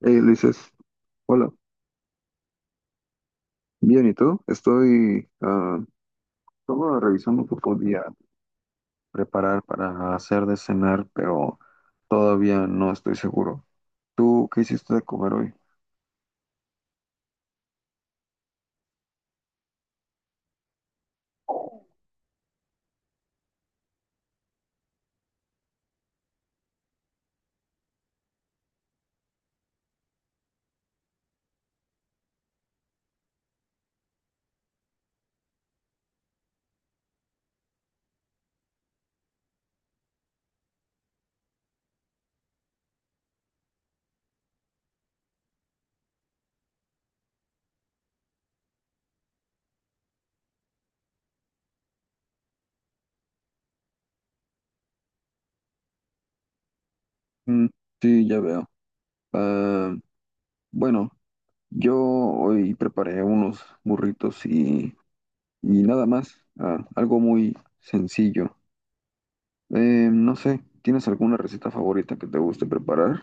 Hey, Ulises, hola. Bien, ¿y tú? Estoy solo revisando qué podía preparar para hacer de cenar, pero todavía no estoy seguro. ¿Tú qué hiciste de comer hoy? Mm, sí, ya veo. Ah, bueno, yo hoy preparé unos burritos y nada más. Ah, algo muy sencillo. No sé, ¿tienes alguna receta favorita que te guste preparar?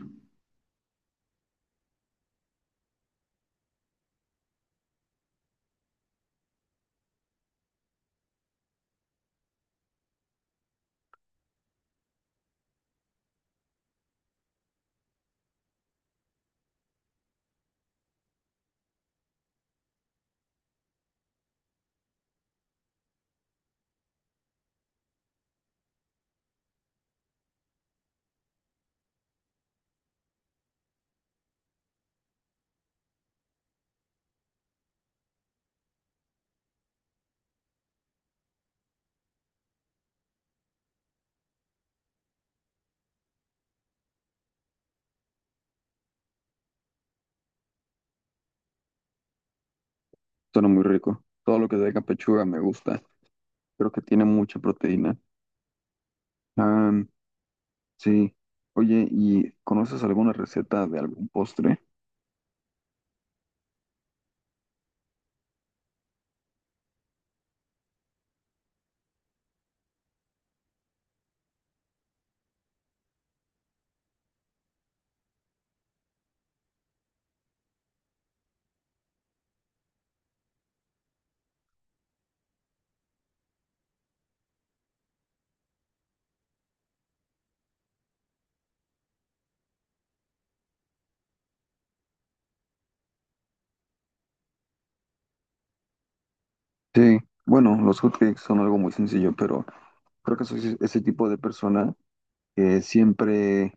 Suena muy rico. Todo lo que tenga pechuga me gusta. Creo que tiene mucha proteína. Ah, sí. Oye, ¿y conoces alguna receta de algún postre? Sí. Bueno, los hotcakes son algo muy sencillo, pero creo que soy ese tipo de persona que siempre,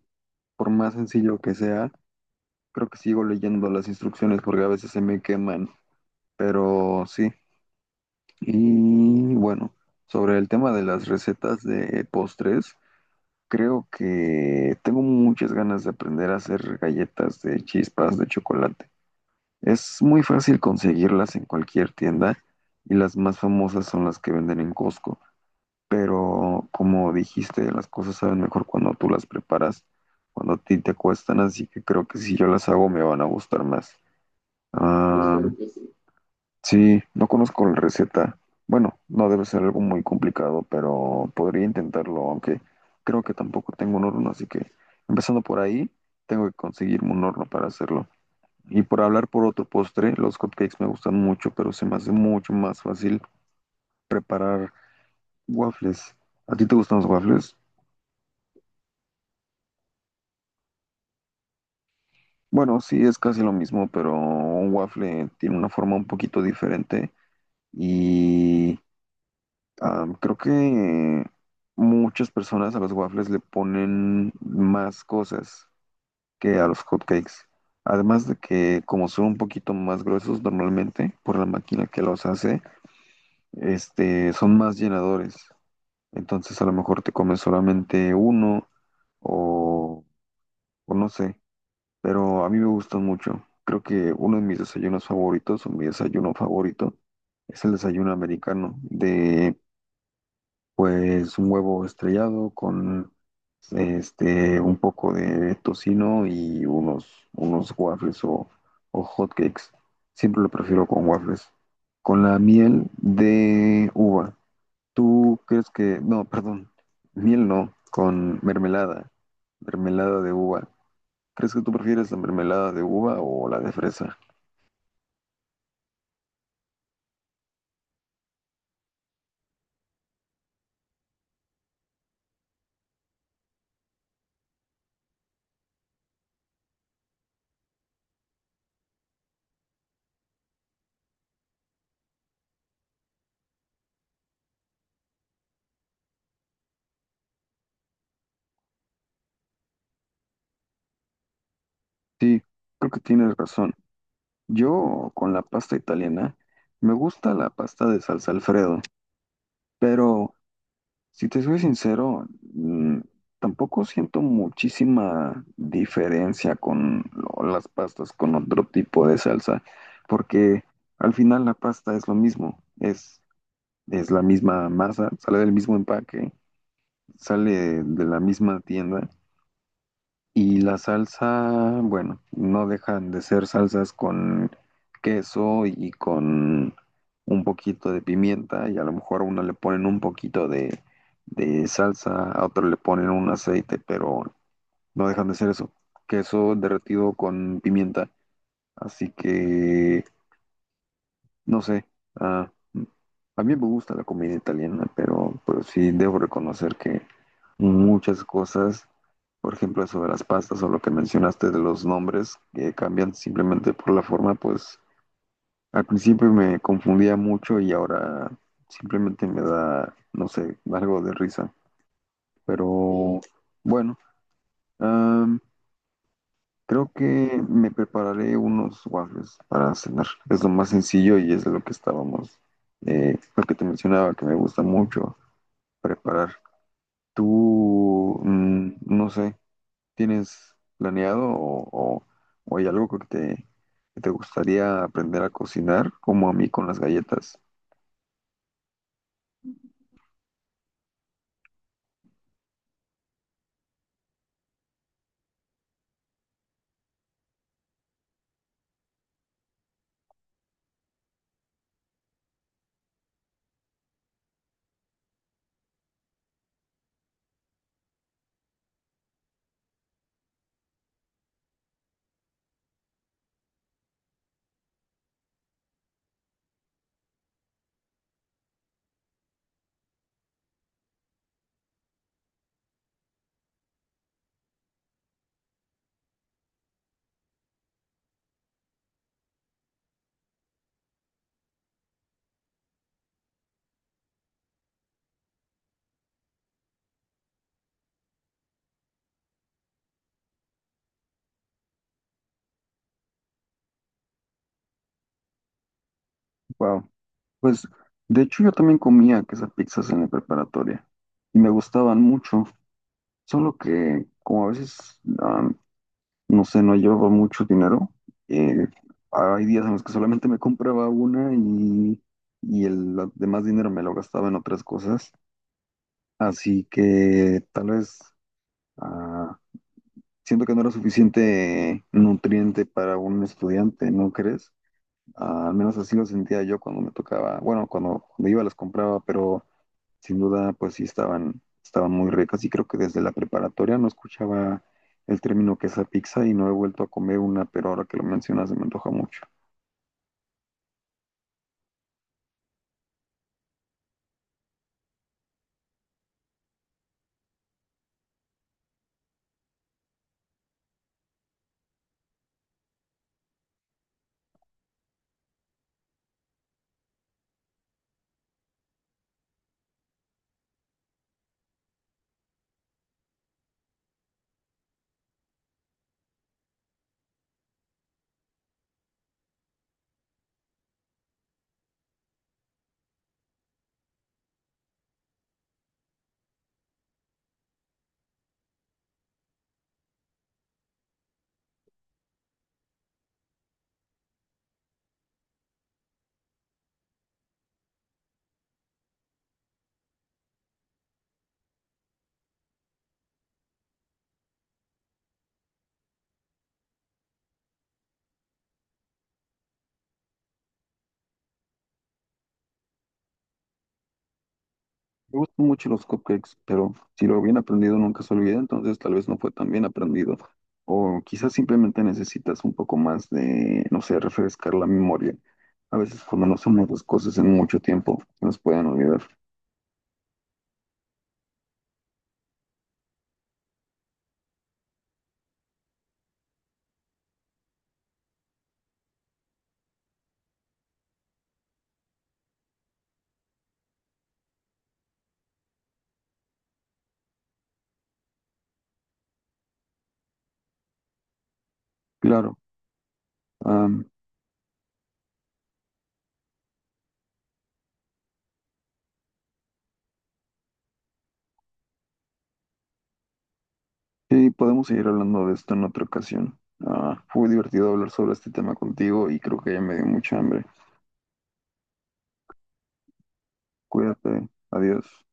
por más sencillo que sea, creo que sigo leyendo las instrucciones porque a veces se me queman. Pero sí. Y bueno, sobre el tema de las recetas de postres, creo que tengo muchas ganas de aprender a hacer galletas de chispas de chocolate. Es muy fácil conseguirlas en cualquier tienda y las más famosas son las que venden en Costco. Pero como dijiste, las cosas saben mejor cuando tú las preparas, cuando a ti te cuestan, así que creo que si yo las hago me van a gustar más. Ah, sí, no conozco la receta. Bueno, no debe ser algo muy complicado, pero podría intentarlo, aunque creo que tampoco tengo un horno, así que empezando por ahí, tengo que conseguirme un horno para hacerlo. Y por hablar por otro postre, los cupcakes me gustan mucho, pero se me hace mucho más fácil preparar waffles. ¿A ti te gustan los waffles? Bueno, sí, es casi lo mismo, pero un waffle tiene una forma un poquito diferente y creo que muchas personas a los waffles le ponen más cosas que a los hotcakes. Además de que como son un poquito más gruesos normalmente por la máquina que los hace, son más llenadores. Entonces a lo mejor te comes solamente uno o, o no sé, pero a mí me gustan mucho. Creo que uno de mis desayunos favoritos o mi desayuno favorito es el desayuno americano de pues un huevo estrellado con un poco de tocino y unos waffles o hot cakes. Siempre lo prefiero con waffles. Con la miel de uva. ¿Tú crees que, no, perdón, miel no, con mermelada, mermelada de uva? ¿Crees que tú prefieres la mermelada de uva o la de fresa? Sí, creo que tienes razón. Yo con la pasta italiana, me gusta la pasta de salsa Alfredo, pero si te soy sincero, mm, tampoco siento muchísima diferencia con las pastas con otro tipo de salsa, porque al final la pasta es lo mismo, es la misma masa, sale del mismo empaque, sale de la misma tienda y la salsa, bueno, no dejan de ser salsas con queso y con un poquito de pimienta y a lo mejor a una le ponen un poquito de salsa, a otro le ponen un aceite, pero no dejan de ser eso, queso derretido con pimienta. Así que no sé, ah, a mí me gusta la comida italiana, pero sí debo reconocer que muchas cosas, por ejemplo, eso de las pastas o lo que mencionaste de los nombres que cambian simplemente por la forma, pues al principio me confundía mucho y ahora simplemente me da, no sé, algo de risa. Pero bueno, creo que me prepararé unos waffles para cenar. Es lo más sencillo y es de lo que estábamos, lo que te mencionaba, que me gusta mucho preparar. Tú, no sé, ¿tienes planeado o- o hay algo que que te gustaría aprender a cocinar, como a mí con las galletas? Wow. Pues, de hecho, yo también comía esas pizzas en la preparatoria y me gustaban mucho, solo que como a veces no sé, no llevaba mucho dinero. Eh, hay días en los que solamente me compraba una y el demás dinero me lo gastaba en otras cosas. Así que tal vez ah, siento que no era suficiente nutriente para un estudiante, ¿no crees? Ah, al menos así lo sentía yo cuando me tocaba, bueno, cuando iba las compraba, pero sin duda, pues sí estaban muy ricas y creo que desde la preparatoria no escuchaba el término quesapizza y no he vuelto a comer una, pero ahora que lo mencionas se me antoja mucho. Me gustan mucho los cupcakes, pero si lo bien aprendido nunca se olvida, entonces tal vez no fue tan bien aprendido. O quizás simplemente necesitas un poco más de, no sé, refrescar la memoria. A veces cuando no hacemos las cosas en mucho tiempo, se nos pueden olvidar. Claro, am, sí, podemos seguir hablando de esto en otra ocasión. Ah, fue divertido hablar sobre este tema contigo y creo que ya me dio mucha hambre. Cuídate, adiós.